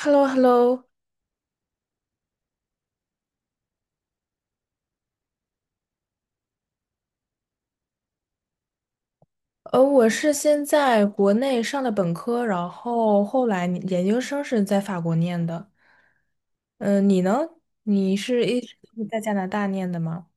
h e l l o h e l l o 我是先在国内上的本科，然后后来你研究生是在法国念的。嗯、你呢？你是一直在加拿大念的吗？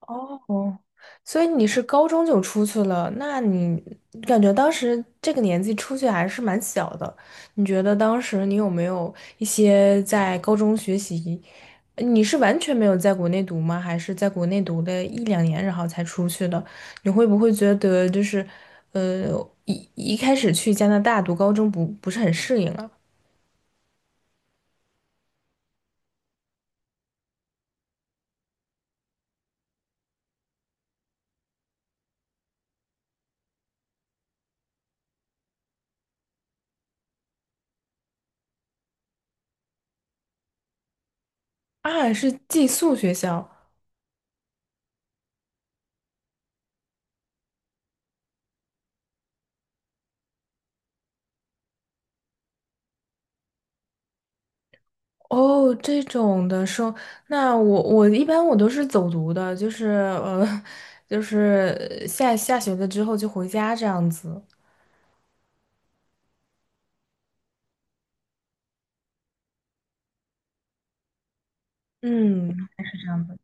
哦，所以你是高中就出去了，那你感觉当时这个年纪出去还是蛮小的，你觉得当时你有没有一些在高中学习，你是完全没有在国内读吗？还是在国内读了一两年然后才出去的？你会不会觉得就是，呃，一开始去加拿大读高中不是很适应啊？啊，是寄宿学校。哦，这种的说，那我一般我都是走读的，就是就是下学了之后就回家这样子。嗯，这样子。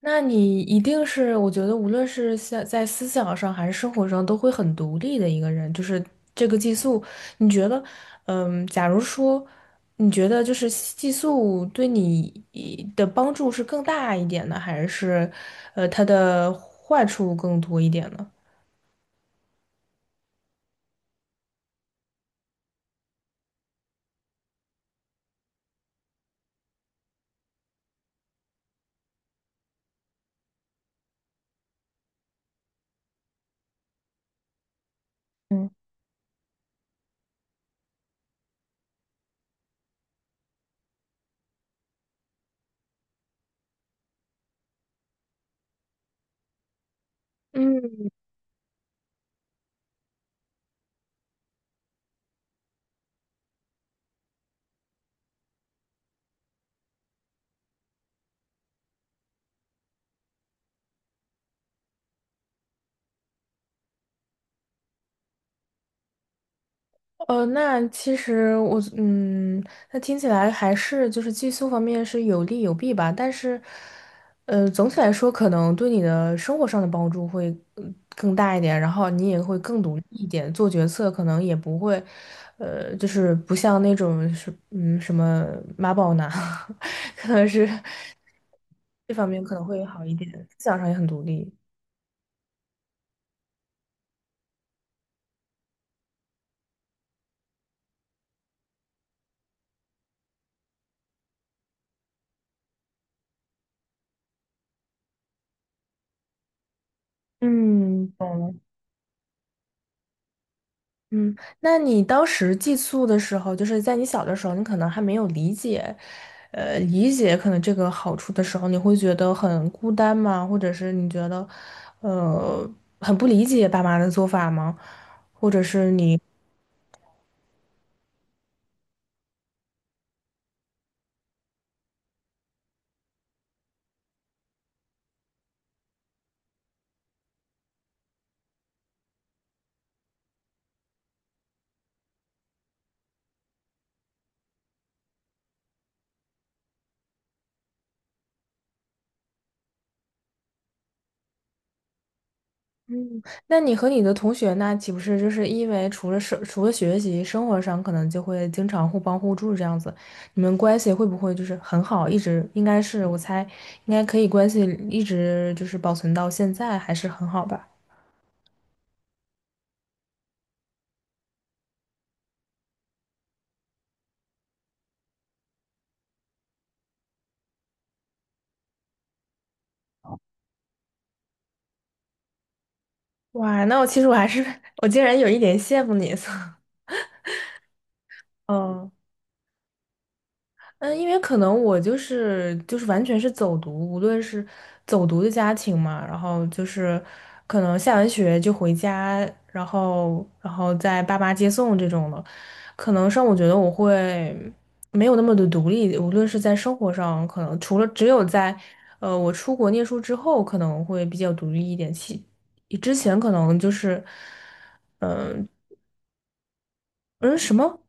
那你一定是，我觉得无论是在思想上还是生活上，都会很独立的一个人。就是这个寄宿，你觉得，嗯，假如说你觉得就是寄宿对你的帮助是更大一点呢，还是它的坏处更多一点呢？嗯。嗯，那其实我，嗯，那听起来还是就是寄宿方面是有利有弊吧，但是，总体来说可能对你的生活上的帮助会更大一点，然后你也会更独立一点，做决策可能也不会，就是不像那种是什么妈宝男，可能是这方面可能会好一点，思想上也很独立。嗯，懂了嗯，那你当时寄宿的时候，就是在你小的时候，你可能还没有理解，理解可能这个好处的时候，你会觉得很孤单吗？或者是你觉得，呃，很不理解爸妈的做法吗？或者是你，嗯，那你和你的同学那岂不是就是因为除了生除了学习，生活上可能就会经常互帮互助这样子，你们关系会不会就是很好，一直应该是我猜应该可以关系一直就是保存到现在，还是很好吧？哇，那我其实我还是 我竟然有一点羡慕你，所以嗯嗯，因为可能我就是完全是走读，无论是走读的家庭嘛，然后就是可能下完学就回家，然后再爸妈接送这种的，可能上我觉得我会没有那么的独立，无论是在生活上，可能除了只有在我出国念书之后，可能会比较独立一点，之前可能就是嗯嗯什么。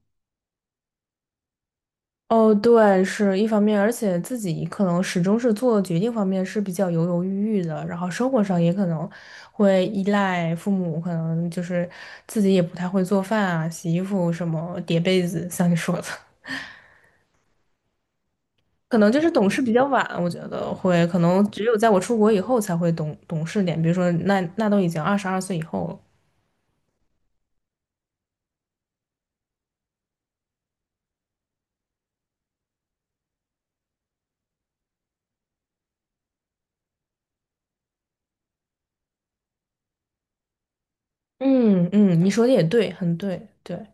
哦，对，是一方面，而且自己可能始终是做决定方面是比较犹犹豫豫的，然后生活上也可能会依赖父母，可能就是自己也不太会做饭啊、洗衣服什么、叠被子，像你说的，可能就是懂事比较晚，我觉得会，可能只有在我出国以后才会懂事点，比如说那那都已经22岁以后了。嗯嗯，你说的也对，很对，对，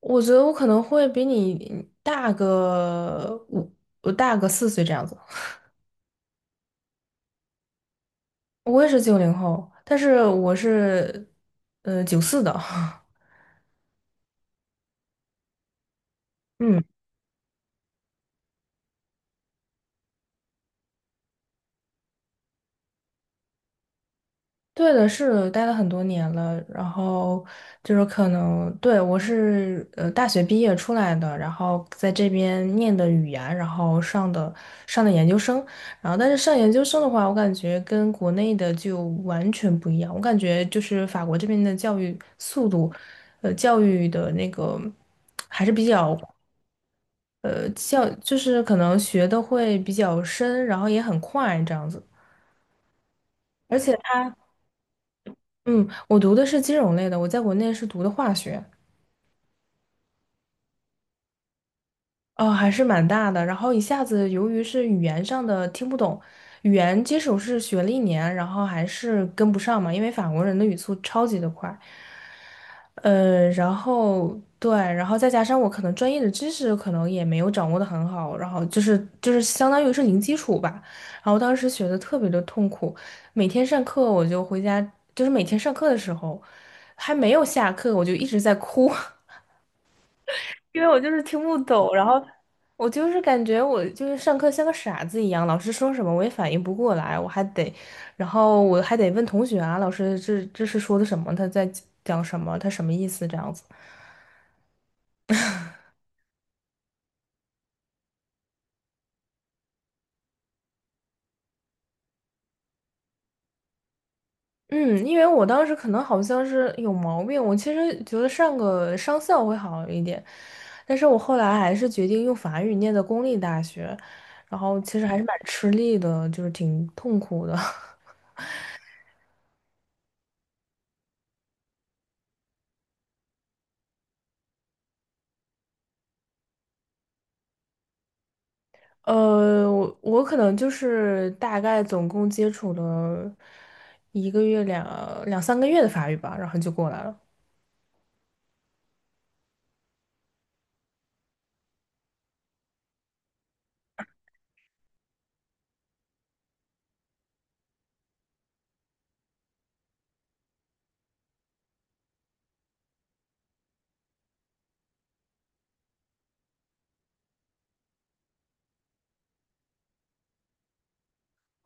我觉得我可能会比你大个五，我大个4岁这样子。我也是90后，但是我是94的。嗯，对的，是的，待了很多年了，然后就是可能，对，我是大学毕业出来的，然后在这边念的语言，然后上的研究生，然后但是上研究生的话，我感觉跟国内的就完全不一样，我感觉就是法国这边的教育速度，教育的那个还是比较。教就是可能学的会比较深，然后也很快这样子。而且他，嗯，我读的是金融类的，我在国内是读的化学，哦，还是蛮大的。然后一下子，由于是语言上的听不懂，语言基础是学了一年，然后还是跟不上嘛，因为法国人的语速超级的快。然后对，然后再加上我可能专业的知识可能也没有掌握的很好，然后就是相当于是零基础吧。然后当时学的特别的痛苦，每天上课我就回家，就是每天上课的时候还没有下课，我就一直在哭。因为我就是听不懂，然后我就是感觉我就是上课像个傻子一样，老师说什么我也反应不过来，我还得，然后我还得问同学啊，老师这是说的什么？他在讲什么？他什么意思？这样子。嗯，因为我当时可能好像是有毛病，我其实觉得上个商校会好一点，但是我后来还是决定用法语念的公立大学，然后其实还是蛮吃力的，就是挺痛苦的。我我可能就是大概总共接触了一个月两三个月的法语吧，然后就过来了。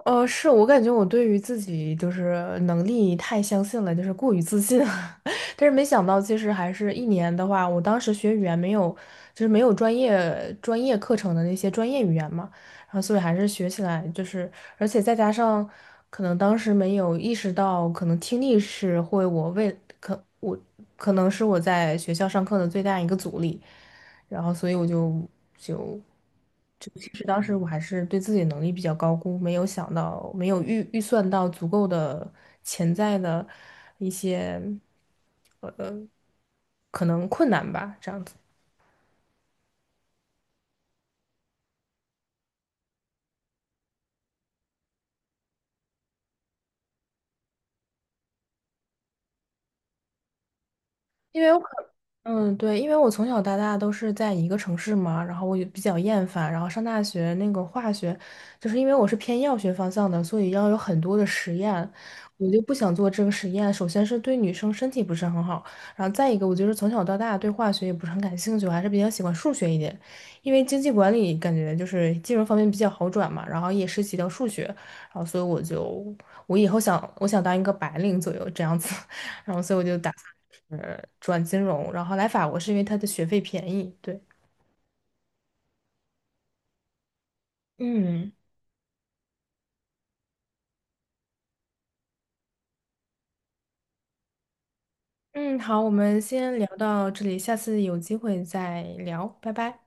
是我感觉我对于自己就是能力太相信了，就是过于自信了 但是没想到，其实还是一年的话，我当时学语言没有，就是没有专业课程的那些专业语言嘛，然后所以还是学起来就是，而且再加上可能当时没有意识到，可能听力是会我为可我可能是我在学校上课的最大一个阻力。然后所以我就就其实当时我还是对自己能力比较高估，没有想到，没有预算到足够的潜在的一些呃可能困难吧，这样子。因为我可。嗯，对，因为我从小到大都是在一个城市嘛，然后我也比较厌烦，然后上大学那个化学，就是因为我是偏药学方向的，所以要有很多的实验，我就不想做这个实验。首先是对女生身体不是很好，然后再一个，我就是从小到大对化学也不是很感兴趣，我还是比较喜欢数学一点，因为经济管理感觉就是金融方面比较好转嘛，然后也涉及到数学，然后所以我就我以后想我想当一个白领左右这样子。然后所以我就打算是转金融，然后来法国是因为它的学费便宜。对，嗯嗯，好，我们先聊到这里，下次有机会再聊，拜拜。